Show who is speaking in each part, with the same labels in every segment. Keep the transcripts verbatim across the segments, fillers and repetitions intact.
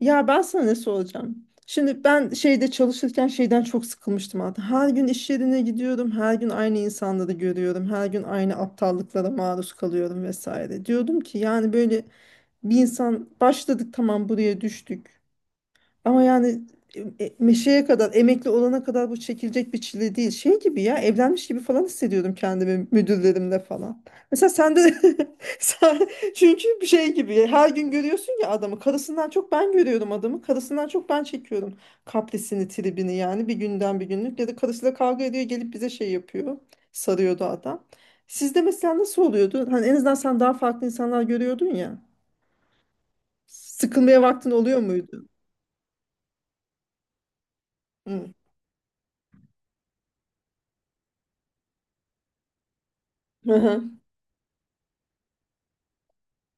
Speaker 1: Ya ben sana ne soracağım? Şimdi ben şeyde çalışırken şeyden çok sıkılmıştım artık. Her gün iş yerine gidiyorum, her gün aynı insanları görüyorum, her gün aynı aptallıklara maruz kalıyorum vesaire. Diyordum ki yani böyle bir insan başladık, tamam, buraya düştük. Ama yani e, e, meşeye kadar, emekli olana kadar bu çekilecek bir çile değil. Şey gibi ya, evlenmiş gibi falan hissediyordum kendimi müdürlerimle falan. Mesela sen de sen, çünkü bir şey gibi ya, her gün görüyorsun ya adamı. Karısından çok ben görüyorum adamı. Karısından çok ben çekiyorum kaprisini, tribini yani bir günden bir günlük. Ya da karısıyla kavga ediyor, gelip bize şey yapıyor. Sarıyordu adam. Sizde mesela nasıl oluyordu? Hani en azından sen daha farklı insanlar görüyordun ya. Sıkılmaya vaktin oluyor muydu? Hı. Hı hı.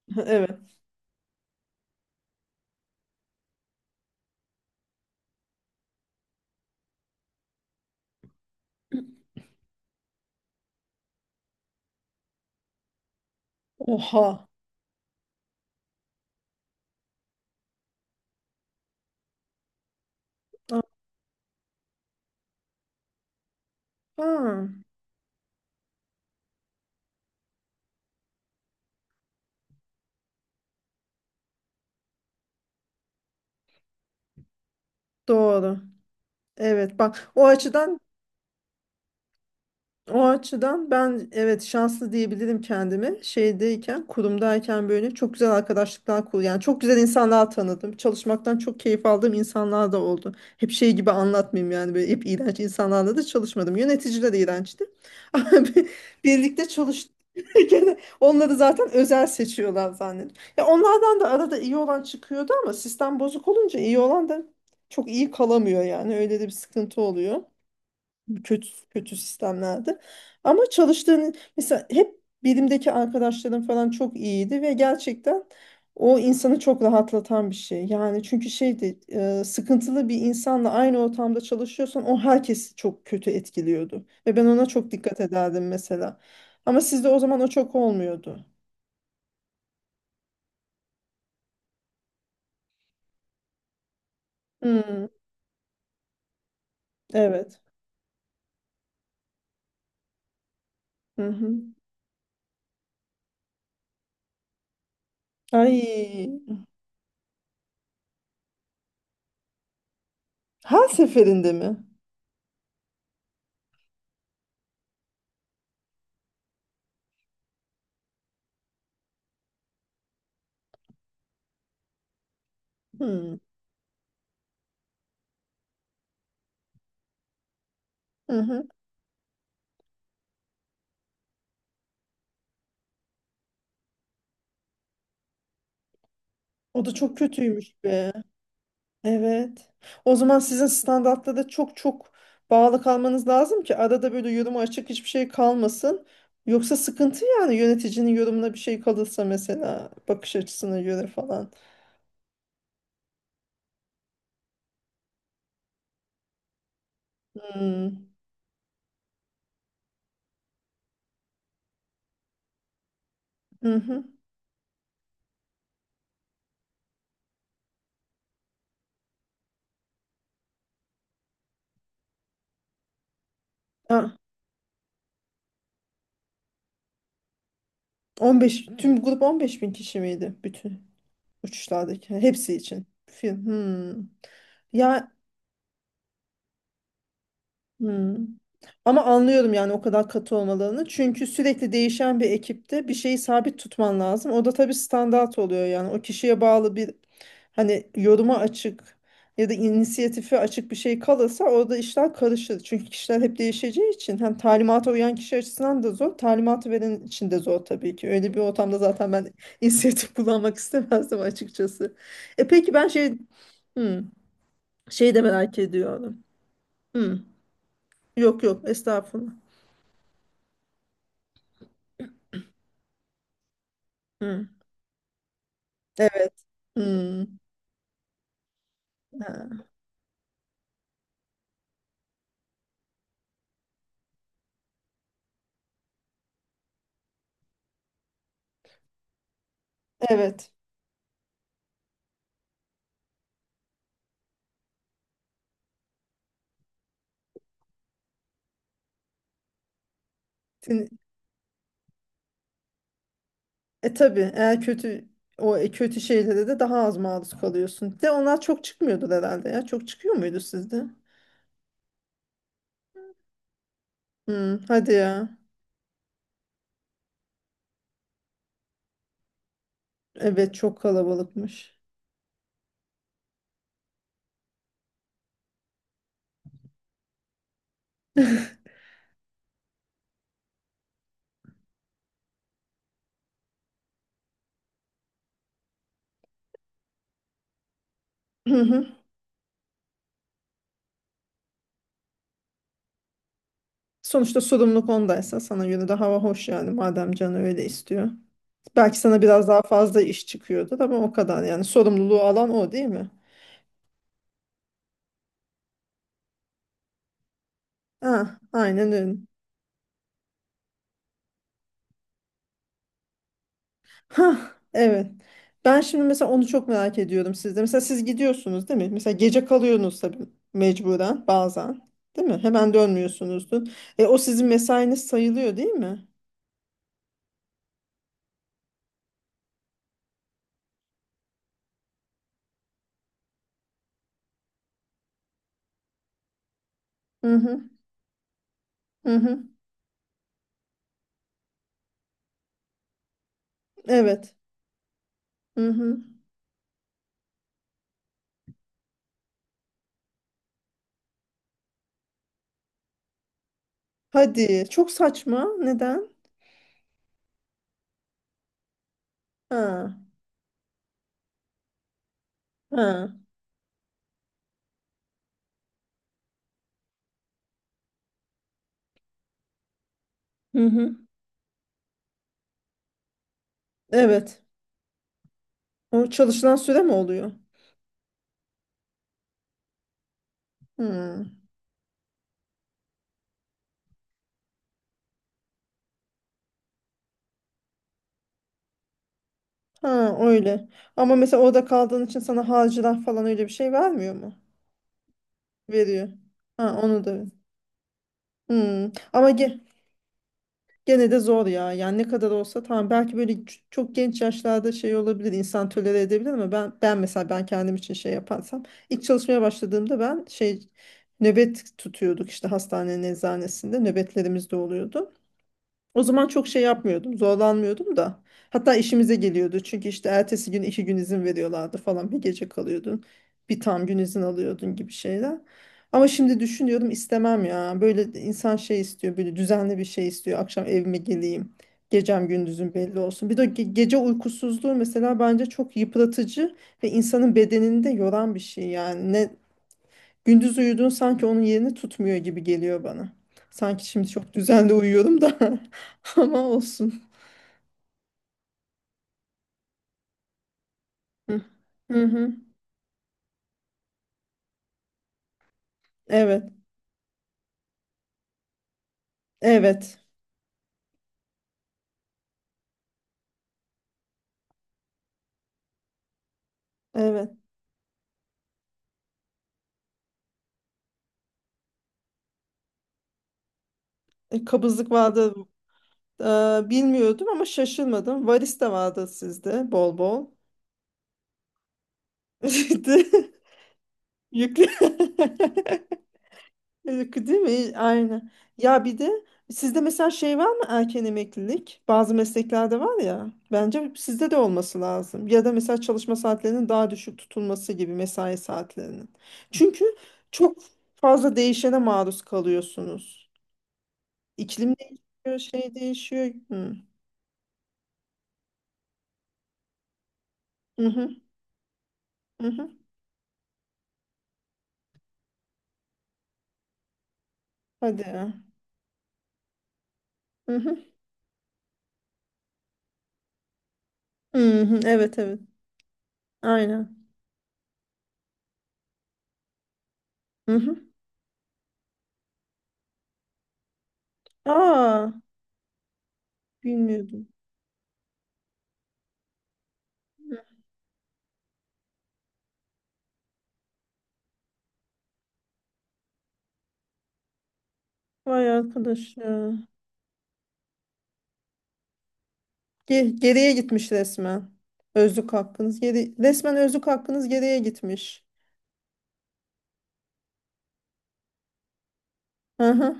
Speaker 1: Evet. Oha. Ha, doğru. Evet, bak. o açıdan O açıdan ben, evet, şanslı diyebilirim kendimi. Şeydeyken, kurumdayken böyle çok güzel arkadaşlıklar kur yani çok güzel insanlar tanıdım. Çalışmaktan çok keyif aldığım insanlar da oldu. Hep şey gibi anlatmayayım yani, böyle hep iğrenç insanlarla da çalışmadım. Yöneticiler iğrençti. Ama bir- Birlikte çalıştık. Gene onları zaten özel seçiyorlar zannediyorum. Ya onlardan da arada iyi olan çıkıyordu ama sistem bozuk olunca iyi olan da çok iyi kalamıyor yani. Öyle de bir sıkıntı oluyor kötü kötü sistemlerde. Ama çalıştığın mesela, hep bilimdeki arkadaşlarım falan çok iyiydi ve gerçekten o insanı çok rahatlatan bir şey. Yani çünkü şeydi, e, sıkıntılı bir insanla aynı ortamda çalışıyorsan o herkesi çok kötü etkiliyordu. Ve ben ona çok dikkat ederdim mesela. Ama sizde o zaman o çok olmuyordu. Hmm, evet. Hı hı. Ay, her seferinde mi? Hmm. Hı hı. O da çok kötüymüş be. Evet. O zaman sizin standartta da çok çok bağlı kalmanız lazım ki arada böyle yoruma açık hiçbir şey kalmasın. Yoksa sıkıntı yani, yöneticinin yorumuna bir şey kalırsa mesela, bakış açısına göre falan. Hmm. Hı hı. Ha, on beş, tüm grup on beş bin kişi miydi, bütün uçuşlardaki hepsi için? Film. Hmm. Ya. Hmm. Ama anlıyorum yani o kadar katı olmalarını. Çünkü sürekli değişen bir ekipte bir şeyi sabit tutman lazım. O da tabii standart oluyor yani. O kişiye bağlı bir, hani yoruma açık ya da inisiyatife açık bir şey kalırsa orada işler karışır. Çünkü kişiler hep değişeceği için hem talimata uyan kişi açısından da zor, talimatı veren için de zor tabii ki. Öyle bir ortamda zaten ben inisiyatif kullanmak istemezdim açıkçası. E peki, ben şey, hmm, şeyi de merak ediyorum. Hmm, yok yok, estağfurullah. Hı. Evet. Hı. Ha, evet. Sin- E tabii, eğer kötü o e, kötü şeylere de daha az maruz kalıyorsun. De onlar çok çıkmıyordur herhalde ya. Çok çıkıyor muydu sizde? Hı, hadi ya. Evet, çok kalabalıkmış. Hı hı. Sonuçta sorumluluk ondaysa sana göre de hava hoş yani, madem canı öyle istiyor. Belki sana biraz daha fazla iş çıkıyordur ama o kadar yani, sorumluluğu alan o değil mi? Ah, aynen öyle. Hah, evet. Ben şimdi mesela onu çok merak ediyordum sizde. Mesela siz gidiyorsunuz değil mi? Mesela gece kalıyorsunuz tabii, mecburen bazen. Değil mi? Hemen dönmüyorsunuzdur. E, o sizin mesainiz sayılıyor değil mi? Hı hı. Hı hı. Evet. Hı hı. Hadi. Çok saçma. Neden? Ha. Ha. Hı hı. Evet. O çalışılan süre mi oluyor? Hı. Ha, öyle. Ama mesela orada kaldığın için sana harcırah falan, öyle bir şey vermiyor mu? Veriyor. Ha, onu da. Hmm. Ama ge- gene de zor ya. Yani ne kadar olsa tamam, belki böyle ç- çok genç yaşlarda şey olabilir, insan tolere edebilir ama ben ben mesela ben kendim için şey yaparsam, ilk çalışmaya başladığımda ben şey, nöbet tutuyorduk, işte hastanenin eczanesinde nöbetlerimiz de oluyordu. O zaman çok şey yapmıyordum, zorlanmıyordum da. Hatta işimize geliyordu. Çünkü işte ertesi gün iki gün izin veriyorlardı falan. Bir gece kalıyordun, bir tam gün izin alıyordun gibi şeyler. Ama şimdi düşünüyorum, istemem ya. Böyle de insan şey istiyor, böyle düzenli bir şey istiyor. Akşam evime geleyim, gecem gündüzüm belli olsun. Bir de ge- gece uykusuzluğu mesela bence çok yıpratıcı ve insanın bedenini de yoran bir şey yani. Ne. Gündüz uyuduğun sanki onun yerini tutmuyor gibi geliyor bana. Sanki şimdi çok düzenli uyuyorum da ama olsun. Hı hı. hı. Evet. Evet. Evet. E, kabızlık vardı, e, bilmiyordum ama şaşırmadım. Varis de vardı sizde, bol bol. İşte. Yüklü. Yok. Değil mi? Aynen. Ya bir de sizde mesela şey var mı, erken emeklilik? Bazı mesleklerde var ya. Bence sizde de olması lazım. Ya da mesela çalışma saatlerinin daha düşük tutulması gibi, mesai saatlerinin. Çünkü çok fazla değişene maruz kalıyorsunuz. İklim değişiyor, şey değişiyor. Hı. Hı hı. Hı hı. Hadi ya. Hı hı. Hı hı. Evet, evet. Aynen. Hı hı. Aa, bilmiyordum. Vay arkadaş ya. Ge- geriye gitmiş resmen. Özlük hakkınız geri resmen özlük hakkınız geriye gitmiş. Hı hı.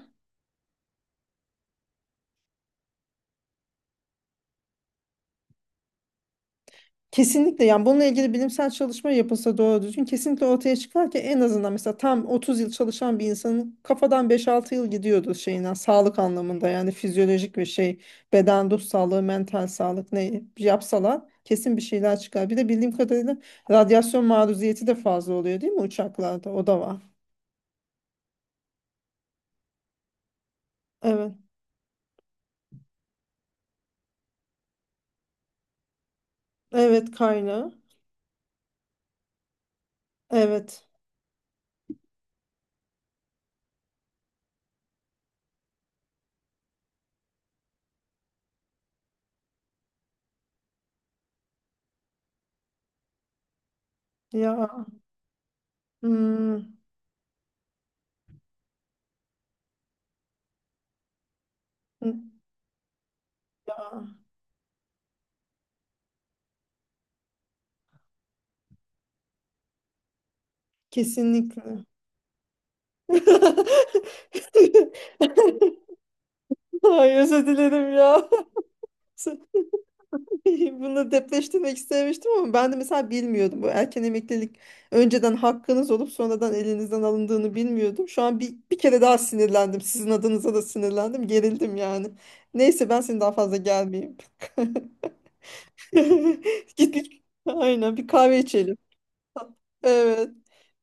Speaker 1: Kesinlikle yani, bununla ilgili bilimsel çalışma yapılsa doğru düzgün, kesinlikle ortaya çıkar ki en azından mesela tam otuz yıl çalışan bir insanın kafadan beş altı yıl gidiyordu şeyinden, sağlık anlamında yani fizyolojik ve şey, beden ruh sağlığı, mental sağlık, ne yapsalar kesin bir şeyler çıkar. Bir de bildiğim kadarıyla radyasyon maruziyeti de fazla oluyor değil mi uçaklarda, o da var. Evet. Evet, kaynağı. Evet. Ya. Hmm, ya, kesinlikle. Ay, özür dilerim ya. Bunu depreştirmek istemiştim ama ben de mesela bilmiyordum. Bu erken emeklilik önceden hakkınız olup sonradan elinizden alındığını bilmiyordum. Şu an bir, bir kere daha sinirlendim. Sizin adınıza da sinirlendim. Gerildim yani. Neyse ben seni daha fazla gelmeyeyim. Git bir, aynen bir kahve içelim. Evet.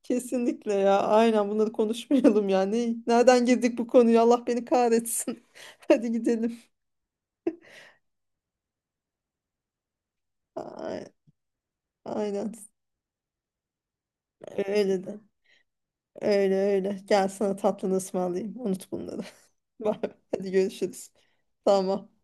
Speaker 1: Kesinlikle ya. Aynen, bunları konuşmayalım yani. Nereden girdik bu konuya? Allah beni kahretsin. Hadi gidelim. Ay- Aynen. Öyle de. Öyle öyle. Gel sana tatlını ısmarlayayım. Unut bunları. Bye. Hadi görüşürüz. Tamam.